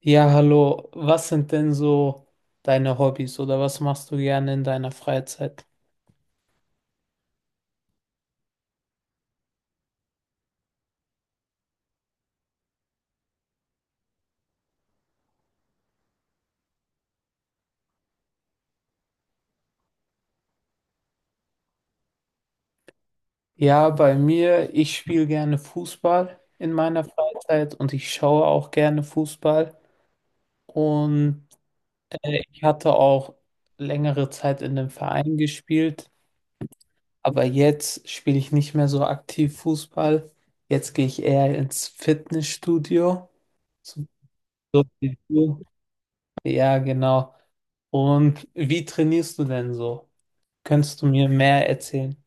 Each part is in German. Ja, hallo. Was sind denn so deine Hobbys oder was machst du gerne in deiner Freizeit? Ja, bei mir, ich spiele gerne Fußball in meiner Freizeit und ich schaue auch gerne Fußball. Und ich hatte auch längere Zeit in einem Verein gespielt, aber jetzt spiele ich nicht mehr so aktiv Fußball. Jetzt gehe ich eher ins Fitnessstudio. So, so wie du. Ja, genau. Und wie trainierst du denn so? Könntest du mir mehr erzählen?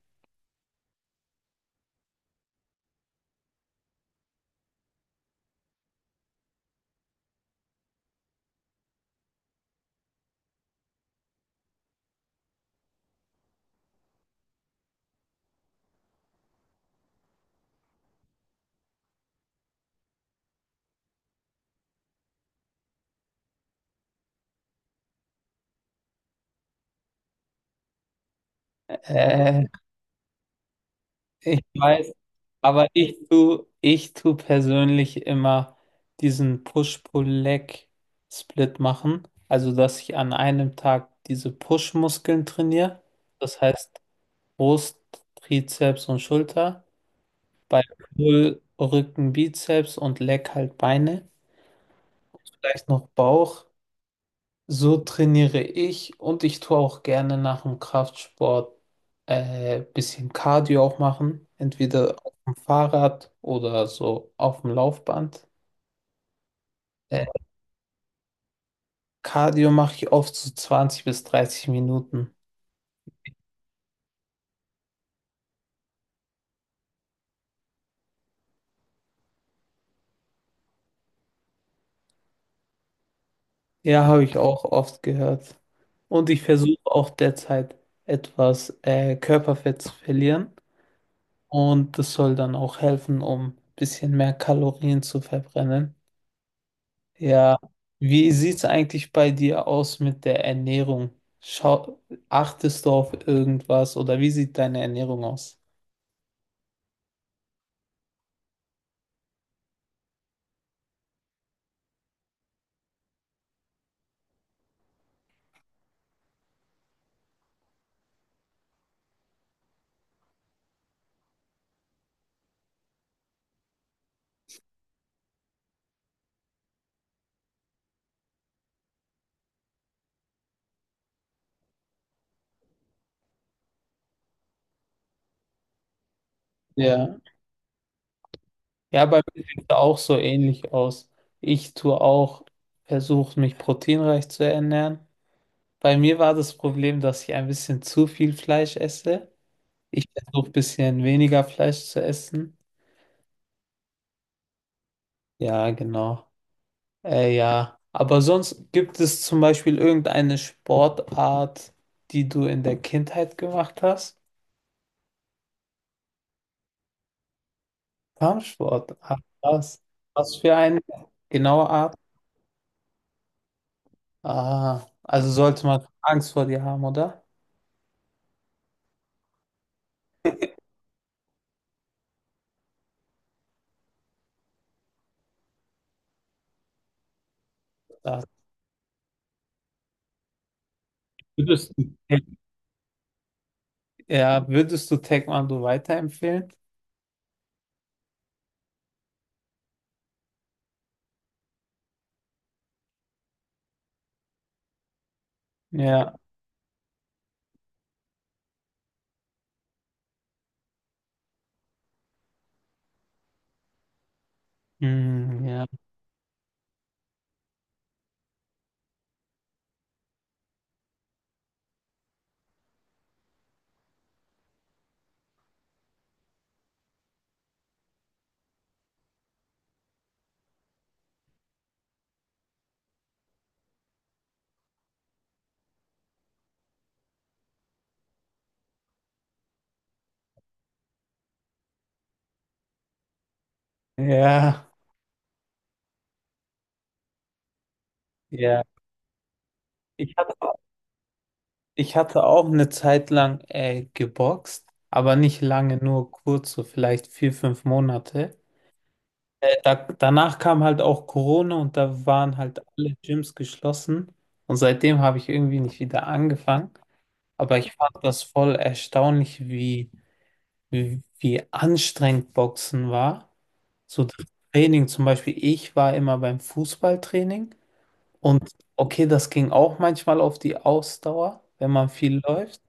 Äh, Ich weiß, aber ich tu persönlich immer diesen Push-Pull-Leg-Split machen. Also, dass ich an einem Tag diese Push-Muskeln trainiere. Das heißt Brust, Trizeps und Schulter. Bei Pull Rücken, Bizeps und Leg halt Beine. Vielleicht noch Bauch. So trainiere ich und ich tue auch gerne nach dem Kraftsport bisschen Cardio auch machen, entweder auf dem Fahrrad oder so auf dem Laufband. Äh, Cardio mache ich oft so 20 bis 30 Minuten. Ja, habe ich auch oft gehört. Und ich versuche auch derzeit etwas Körperfett zu verlieren und das soll dann auch helfen, um ein bisschen mehr Kalorien zu verbrennen. Ja, wie sieht es eigentlich bei dir aus mit der Ernährung? Schau, achtest du auf irgendwas oder wie sieht deine Ernährung aus? Ja, ja, bei mir sieht es auch so ähnlich aus. Ich tue auch, versuche mich proteinreich zu ernähren. Bei mir war das Problem, dass ich ein bisschen zu viel Fleisch esse. Ich versuche ein bisschen weniger Fleisch zu essen. Ja, genau. Ja, aber sonst gibt es zum Beispiel irgendeine Sportart, die du in der Kindheit gemacht hast? Kampfsport. Ach, was? Was für eine genaue Art? Ah, also sollte man Angst vor dir haben, oder? Da- Würdest du, ja, würdest du Taekwondo weiterempfehlen? Ja, mm, ja, ja, ja. Ich hatte, ich hatte auch eine Zeit lang geboxt, aber nicht lange, nur kurz, so vielleicht vier, fünf Monate. Danach kam halt auch Corona und da waren halt alle Gyms geschlossen. Und seitdem habe ich irgendwie nicht wieder angefangen. Aber ich fand das voll erstaunlich, wie anstrengend Boxen war. So das Training zum Beispiel, ich war immer beim Fußballtraining und okay, das ging auch manchmal auf die Ausdauer, wenn man viel läuft.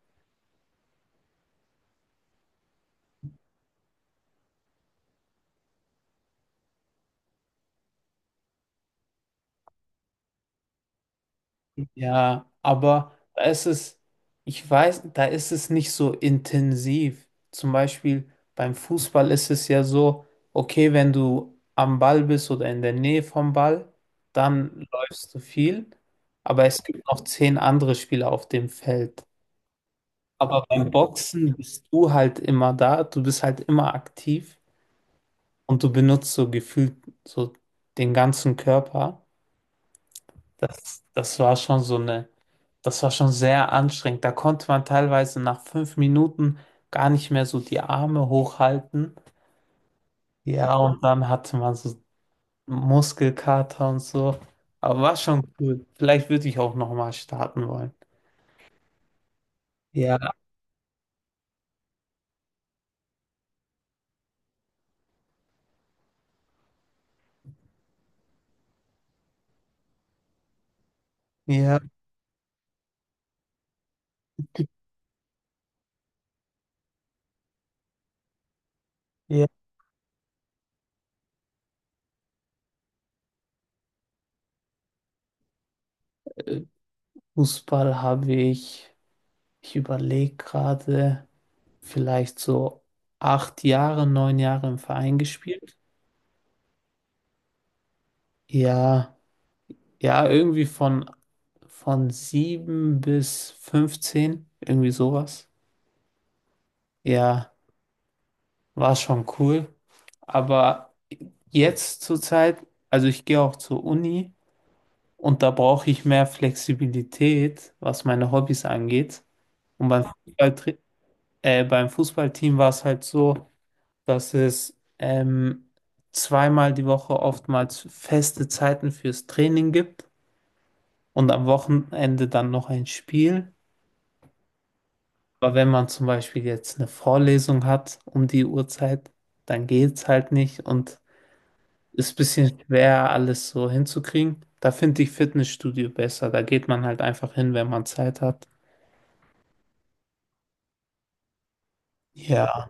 Ja, ich weiß, da ist es nicht so intensiv. Zum Beispiel beim Fußball ist es ja so, okay, wenn du am Ball bist oder in der Nähe vom Ball, dann läufst du viel, aber es gibt noch zehn andere Spieler auf dem Feld. Aber beim Boxen bist du halt immer da, du bist halt immer aktiv und du benutzt so gefühlt so den ganzen Körper. Das war schon so eine, das war schon sehr anstrengend. Da konnte man teilweise nach fünf Minuten gar nicht mehr so die Arme hochhalten. Ja, ja. Und dann hatte man so Muskelkater und so. Aber war schon cool. Vielleicht würde ich auch nochmal starten wollen. Ja, ja, ja. äh, Fußball habe ich, ich überlege gerade, vielleicht so acht Jahre, neun Jahre im Verein gespielt. Ja, ja, irgendwie von 7 bis 15 irgendwie sowas. Ja, war schon cool. Aber jetzt zur Zeit, also ich gehe auch zur Uni und da brauche ich mehr Flexibilität, was meine Hobbys angeht. Und beim Fußballteam war es halt so, dass es zweimal die Woche oftmals feste Zeiten fürs Training gibt und am Wochenende dann noch ein Spiel. Aber wenn man zum Beispiel jetzt eine Vorlesung hat um die Uhrzeit, dann geht's halt nicht und ist ein bisschen schwer, alles so hinzukriegen. Da finde ich Fitnessstudio besser. Da geht man halt einfach hin, wenn man Zeit hat. Ja,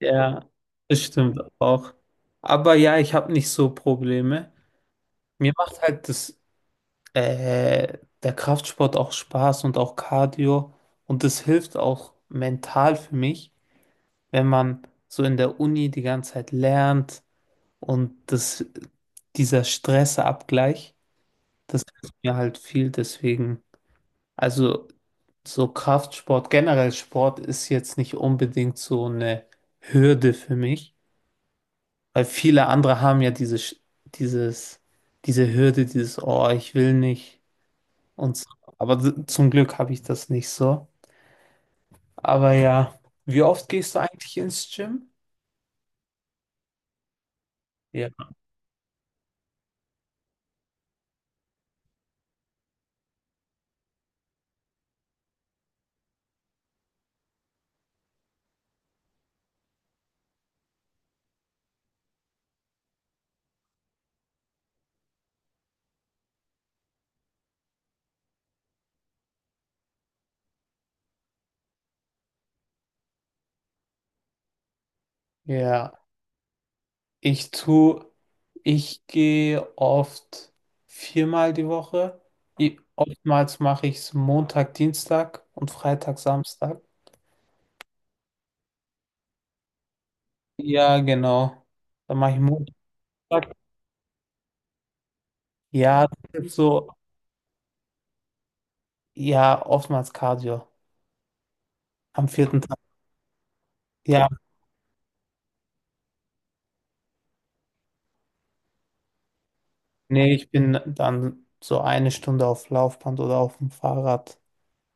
ja, das stimmt auch. Aber ja, ich habe nicht so Probleme. Mir macht halt äh, der Kraftsport auch Spaß und auch Cardio. Und das hilft auch mental für mich, wenn man so in der Uni die ganze Zeit lernt. Und das, Dieser Stressabgleich, das ist mir halt viel deswegen. Also so Kraftsport, generell Sport ist jetzt nicht unbedingt so eine Hürde für mich, weil viele andere haben ja dieses, diese Hürde, dieses, oh, ich will nicht und so. Aber zum Glück habe ich das nicht so. Aber ja, wie oft gehst du eigentlich ins Gym? Ja. Ja, ich tue. Ich gehe oft viermal die Woche. Oftmals mache ich es Montag, Dienstag und Freitag, Samstag. Ja, genau. Dann mache ich Montag. Ja, das ist so, ja, oftmals Cardio. Am vierten Tag. Ja, nee, ich bin dann so eine Stunde auf Laufband oder auf dem Fahrrad.